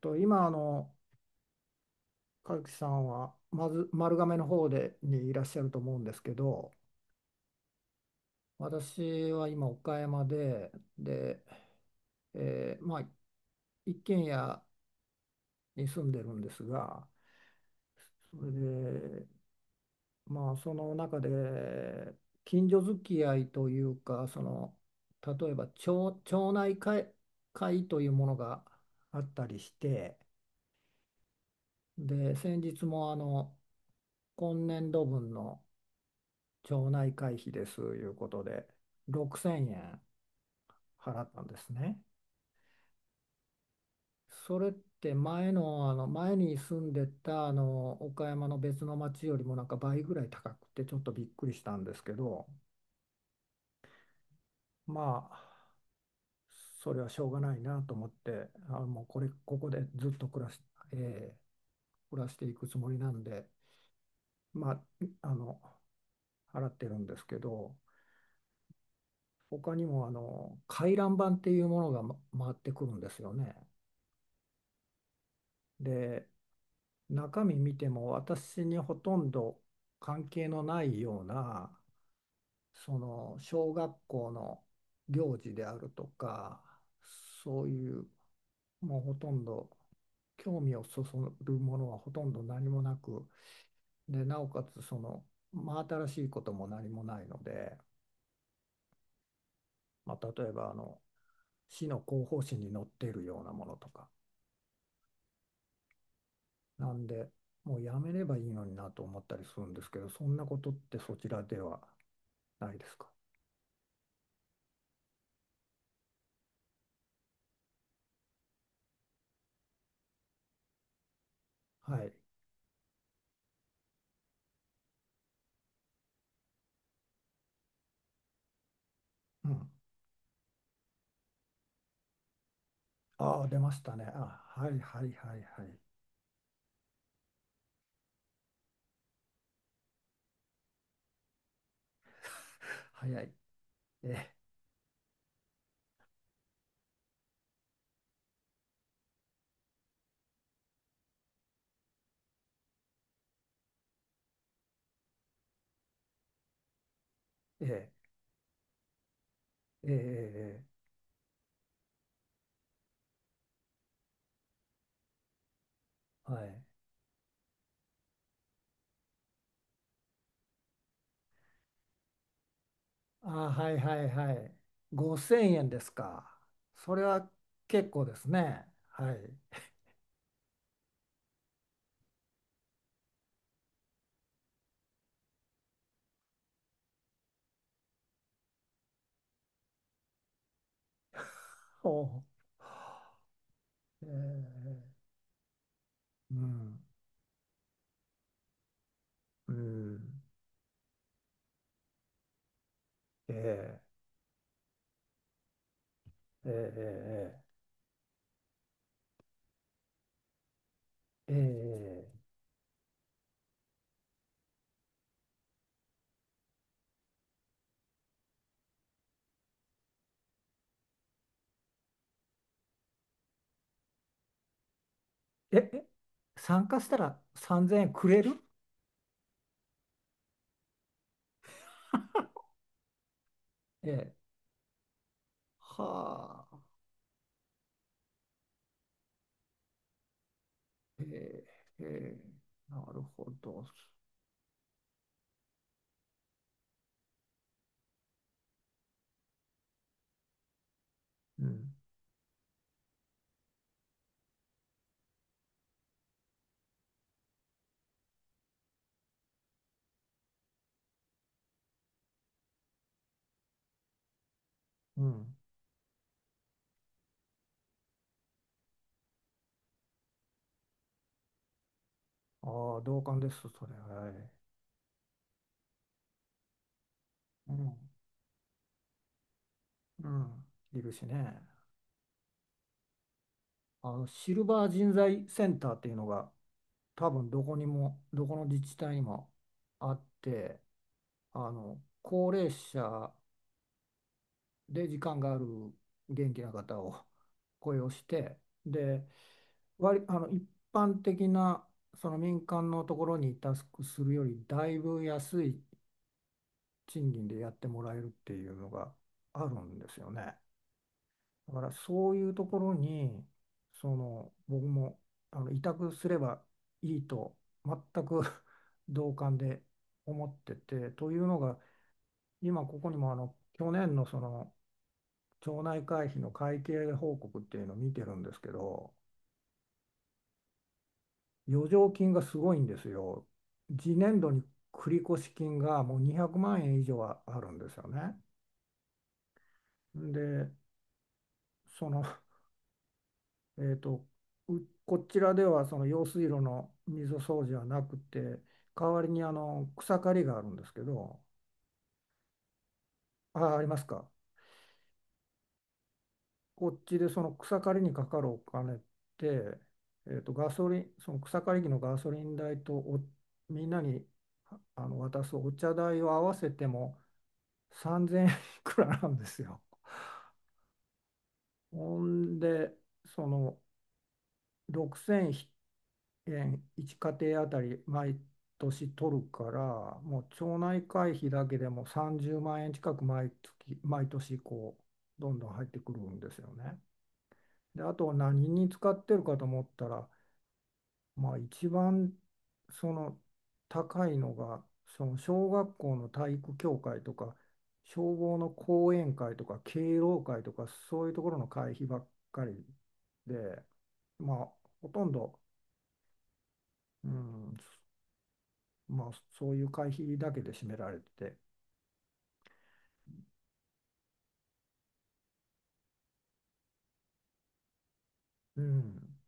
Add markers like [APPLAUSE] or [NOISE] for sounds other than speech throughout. と今和樹さんはまず丸亀の方でにいらっしゃると思うんですけど、私は今岡山で、まあ一軒家に住んでるんですが、それでまあその中で近所付き合いというか、例えば町内会というものがあったりして、で先日も今年度分の町内会費ですいうことで6000円払ったんですね。それって前の、あの前に住んでたあの岡山の別の町よりもなんか倍ぐらい高くてちょっとびっくりしたんですけど、まあそれはしょうがないなと思ってもうここでずっとえー暮らしていくつもりなんで、まああの払ってるんですけど、他にも回覧板っていうものが回ってくるんですよね。で中身見ても、私にほとんど関係のないような、その小学校の行事であるとか、そういうもうほとんど興味をそそるものはほとんど何もなく、でなおかつ真新しいことも何もないので、まあ、例えば市の広報誌に載っているようなものとか、なんでもうやめればいいのになと思ったりするんですけど、そんなことってそちらではないですか？はい。うん。ああ、出ましたね。あ、はいはいはいはい。早い。え、え、え、え、え、はい。ああ、はいはいはい。5000円ですか？それは結構ですね。はい。[LAUGHS] おう。えー、うん、うん、えー、えー、えー、えー、えー、え、え、参加したら3000円くれる？えー、はあ。えーえー、なるほど。うん。うん。ああ、同感です、それ。はい。うん。うん。いるしね。シルバー人材センターっていうのが、多分どこの自治体にもあって、高齢者で時間がある元気な方を [LAUGHS] 雇用して、で、割、あの、一般的な、その民間のところにタスクするより、だいぶ安い賃金でやってもらえるっていうのがあるんですよね。だからそういうところに、僕も委託すればいいと全く [LAUGHS] 同感で思っててというのが、今ここにも去年のその町内会費の会計報告っていうのを見てるんですけど、余剰金がすごいんですよ。次年度に繰越金がもう200万円以上はあるんですよね。で、そのえーと、うこちらではその用水路の溝掃除はなくて、代わりに草刈りがあるんですけど、あ、ありますか？こっちでその草刈りにかかるお金って、ガソリン、その草刈り機のガソリン代とみんなに渡すお茶代を合わせても3000円いくらなんですよ。ほんで、その600円1家庭あたり毎年取るから、もう町内会費だけでも30万円近く毎年こう、どんどん入ってくるんですよね。で、あと何に使ってるかと思ったら、まあ一番その高いのが、その小学校の体育協会とか、消防の講演会とか、敬老会とか、そういうところの会費ばっかりで、まあほとんど、うん、まあ、そういう会費だけで占められて、うん、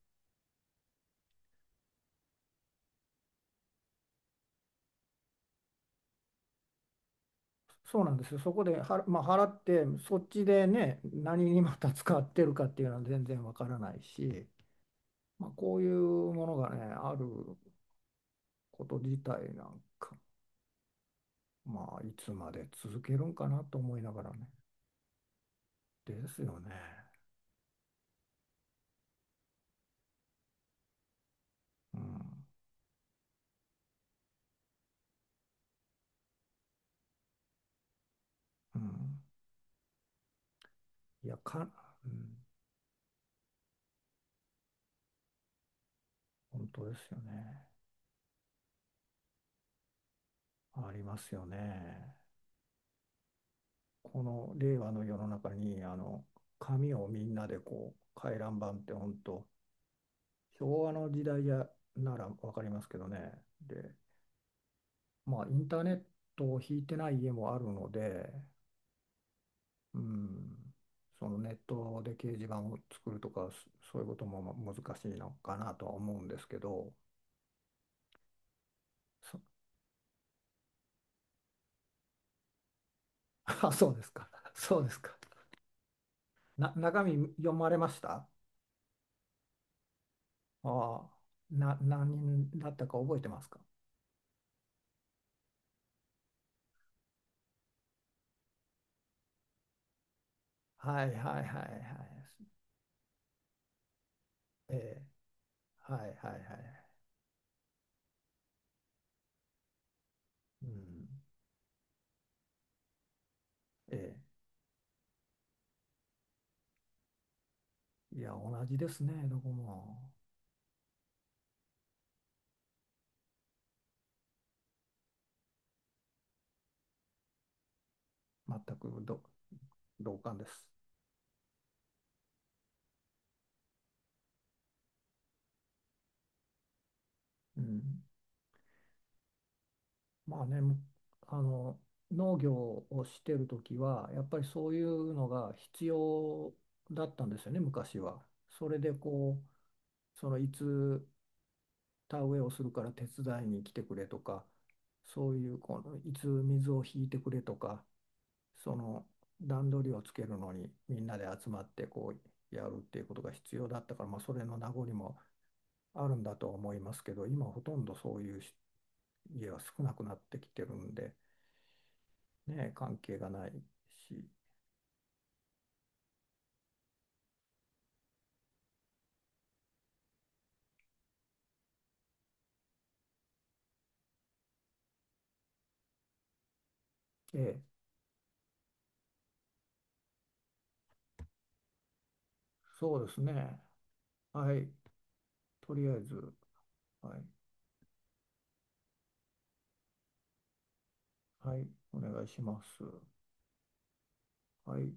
そうなんですよ、そこでは、まあ、払って、そっちでね、何にまた使ってるかっていうのは全然わからないし、まあ、こういうものがね、あること自体なんか、まあ、いつまで続けるんかなと思いながらね、ですよね。うん、うん、いや、うん、本当ですよね。ありますよね。この令和の世の中に紙をみんなでこう回覧板って、本当昭和の時代やなら分かりますけどね。で、まあインターネットを引いてない家もあるので、うん、そのネットで掲示板を作るとか、そういうことも難しいのかなとは思うんですけど、そ [LAUGHS] あ、そうですか。 [LAUGHS] そうですか。中身読まれました？ああ、何人だったか覚えてますか？はいはいはいはい。ええ、はいはいはい。うん、ええ、いや、同じですね、どこも。全く同感です。うん、まあね、むあの、農業をしてるときは、やっぱりそういうのが必要だったんですよね、昔は。それでこう、そのいつ田植えをするから手伝いに来てくれとか、そういうこのいつ水を引いてくれとか、その段取りをつけるのにみんなで集まってこうやるっていうことが必要だったから、まあ、それの名残もあるんだと思いますけど、今ほとんどそういう家は少なくなってきてるんで、ね、関係がないし、ええ、そうですね。はい、とりあえず、はい、はい、お願いします。はい